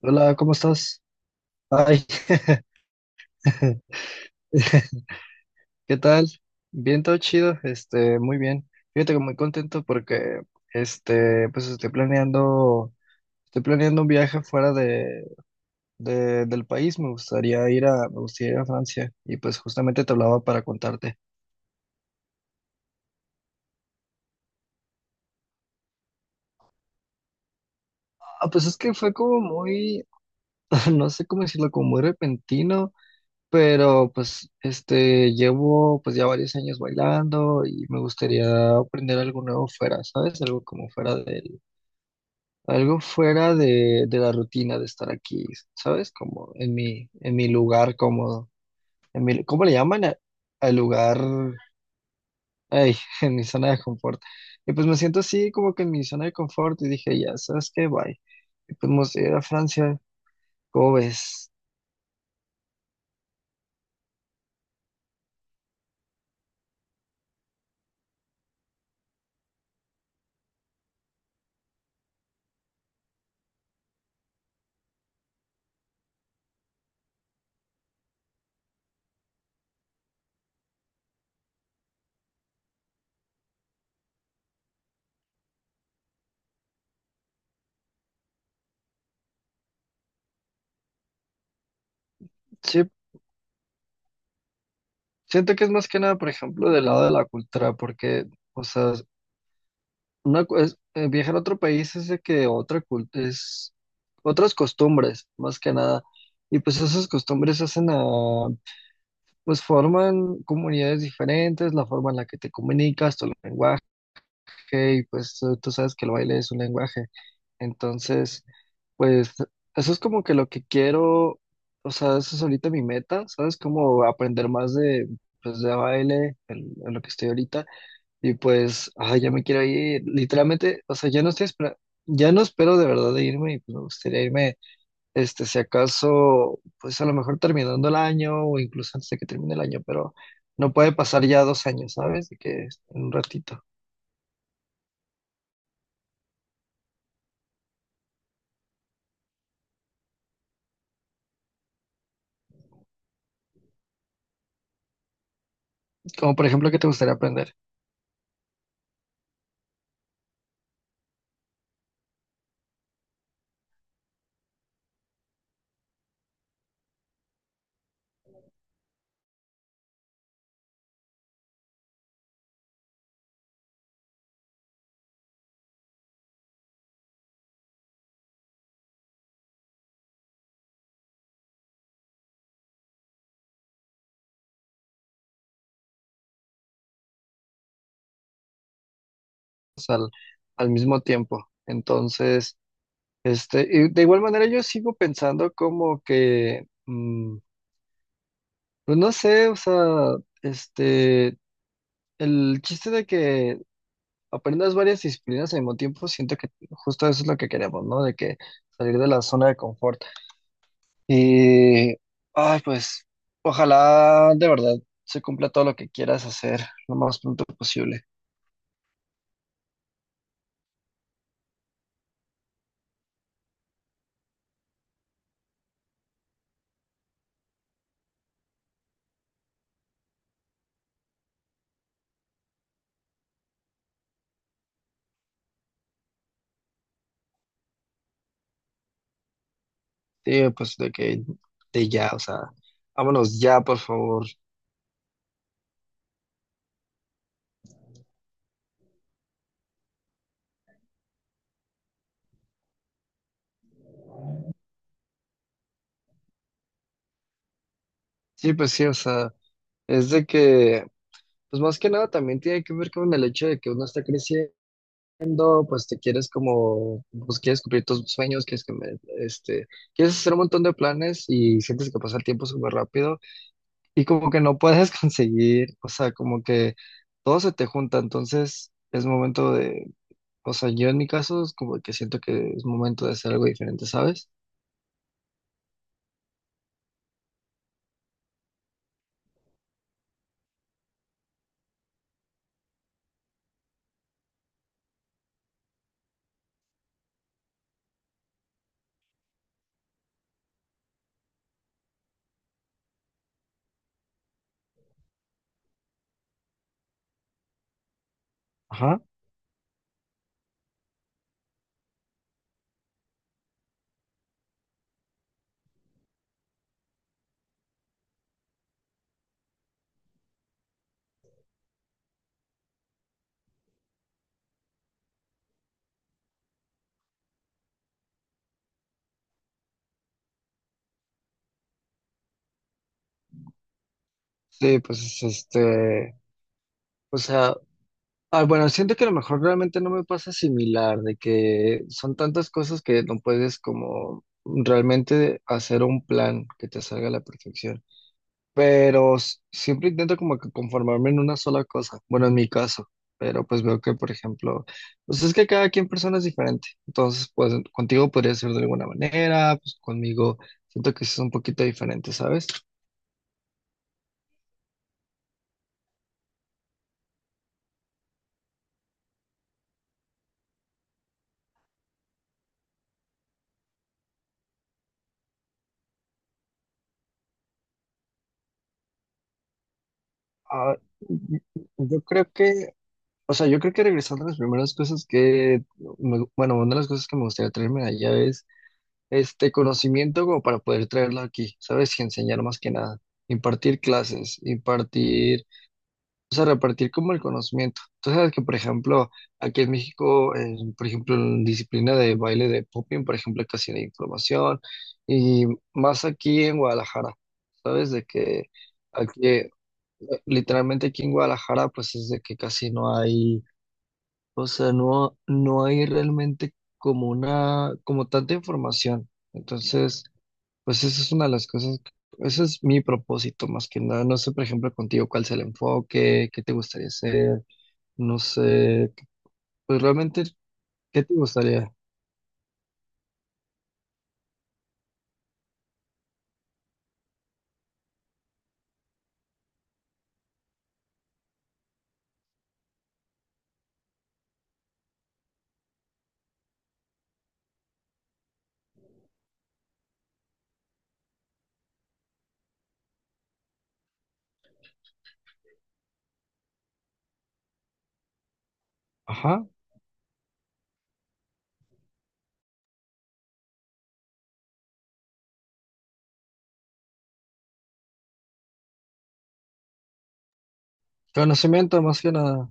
Hola, ¿cómo estás? Ay, ¿qué tal? Bien, todo chido, muy bien. Fíjate que muy contento porque, pues estoy planeando un viaje fuera del país. Me gustaría ir a Francia y pues justamente te hablaba para contarte. Ah, pues es que fue como muy, no sé cómo decirlo, como muy repentino. Pero pues llevo pues ya varios años bailando y me gustaría aprender algo nuevo fuera, ¿sabes? Algo fuera de la rutina de estar aquí, ¿sabes? Como en mi lugar cómodo, en mi, ¿cómo le llaman? Al lugar, ay, en mi zona de confort. Y pues me siento así como que en mi zona de confort y dije, ya, ¿sabes qué? Bye. Y pues me gustaría ir a Francia, ¿cómo ves? Sí, siento que es más que nada, por ejemplo, del lado de la cultura, porque, o sea, viajar a otro país es de que es otras costumbres, más que nada. Y pues esas costumbres pues forman comunidades diferentes, la forma en la que te comunicas, tu lenguaje. Ok, pues tú sabes que el baile es un lenguaje. Entonces, pues eso es como que lo que quiero, o sea, eso es ahorita mi meta, ¿sabes? Como aprender más de, pues, de baile, en lo que estoy ahorita. Y pues, ay, ya me quiero ir. Literalmente, o sea, ya no espero de verdad de irme y pues, me gustaría irme, si acaso, pues a lo mejor terminando el año o incluso antes de que termine el año, pero no puede pasar ya 2 años, ¿sabes? De que en un ratito. Como por ejemplo, ¿qué te gustaría aprender? al, al mismo tiempo. Entonces, y de igual manera yo sigo pensando como que, pues no sé, o sea, este, el chiste de que aprendas varias disciplinas al mismo tiempo, siento que justo eso es lo que queremos, ¿no? De que salir de la zona de confort. Y, ay, pues, ojalá de verdad se cumpla todo lo que quieras hacer lo más pronto posible. Sí, pues de que, de ya, o sea, vámonos ya, por favor. Sí, pues sí, o sea, es de que, pues más que nada también tiene que ver con el hecho de que uno está creciendo, pues te quieres como, pues quieres cumplir tus sueños, este, quieres hacer un montón de planes y sientes que pasa el tiempo súper rápido y como que no puedes conseguir, o sea, como que todo se te junta, entonces es momento de, o sea, yo en mi caso es como que siento que es momento de hacer algo diferente, ¿sabes? Ajá. Sí, pues o sea, ah, bueno, siento que a lo mejor realmente no me pasa similar, de que son tantas cosas que no puedes como realmente hacer un plan que te salga a la perfección, pero siempre intento como que conformarme en una sola cosa, bueno, en mi caso, pero pues veo que, por ejemplo, pues es que cada quien persona es diferente, entonces pues contigo podría ser de alguna manera, pues conmigo siento que sí es un poquito diferente, ¿sabes? Ah, yo creo que O sea, yo creo que regresando a las primeras cosas que, bueno, una de las cosas que me gustaría traerme de allá es este conocimiento como para poder traerlo aquí, ¿sabes? Y enseñar más que nada, impartir clases, impartir, o sea, repartir como el conocimiento. Tú sabes que, por ejemplo, aquí en México, por ejemplo, en disciplina de baile de popping, por ejemplo, casi no hay información, y más aquí en Guadalajara, ¿sabes? De que aquí, literalmente aquí en Guadalajara, pues es de que casi no hay. O sea, no hay realmente como una, como tanta información. Entonces, pues esa es una de las cosas, ese es mi propósito más que nada. No sé, por ejemplo, contigo cuál es el enfoque, qué te gustaría hacer, no sé, pues realmente, ¿qué te gustaría? Ajá, conocimiento más que nada.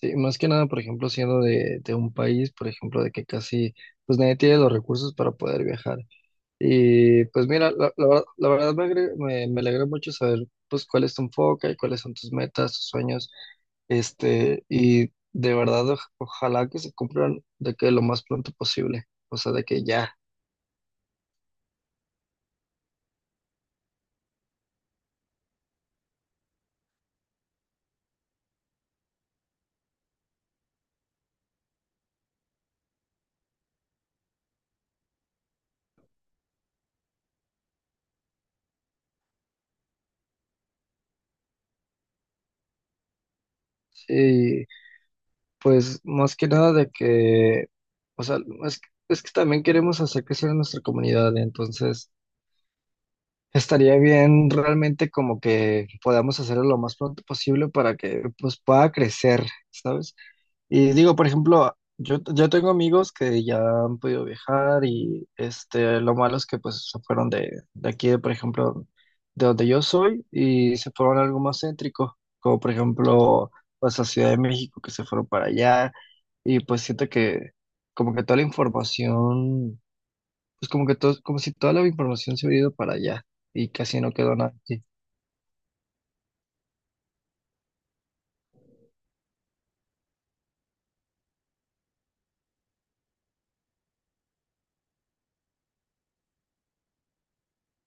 Sí, más que nada, por ejemplo, siendo de un país, por ejemplo, de que casi, pues nadie tiene los recursos para poder viajar. Y pues mira, la verdad me alegra mucho saber pues cuál es tu enfoque y cuáles son tus metas, tus sueños, y de verdad ojalá que se cumplan de que lo más pronto posible, o sea, de que ya. Y pues más que nada de que, o sea, es, es que también queremos hacer crecer a nuestra comunidad, entonces estaría bien realmente como que podamos hacerlo lo más pronto posible para que pues pueda crecer, ¿sabes? Y digo, por ejemplo, yo tengo amigos que ya han podido viajar y lo malo es que pues se fueron de aquí, de, por ejemplo, de donde yo soy y se fueron a algo más céntrico, como por ejemplo, pues a Ciudad de México, que se fueron para allá y pues siento que como que toda la información, pues como que todo, como si toda la información se hubiera ido para allá y casi no quedó nada aquí.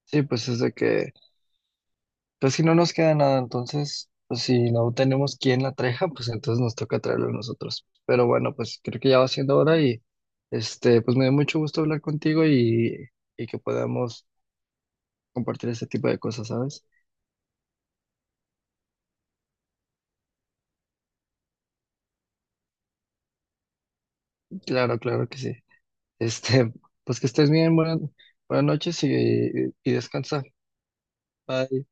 Sí, pues es de que pues si no nos queda nada, entonces, pues, si no tenemos quien la traiga, pues entonces nos toca traerlo nosotros. Pero bueno, pues creo que ya va siendo hora y pues me dio mucho gusto hablar contigo y, que podamos compartir este tipo de cosas, ¿sabes? Claro, claro que sí. Este, pues que estés bien, buenas noches y descansa. Bye.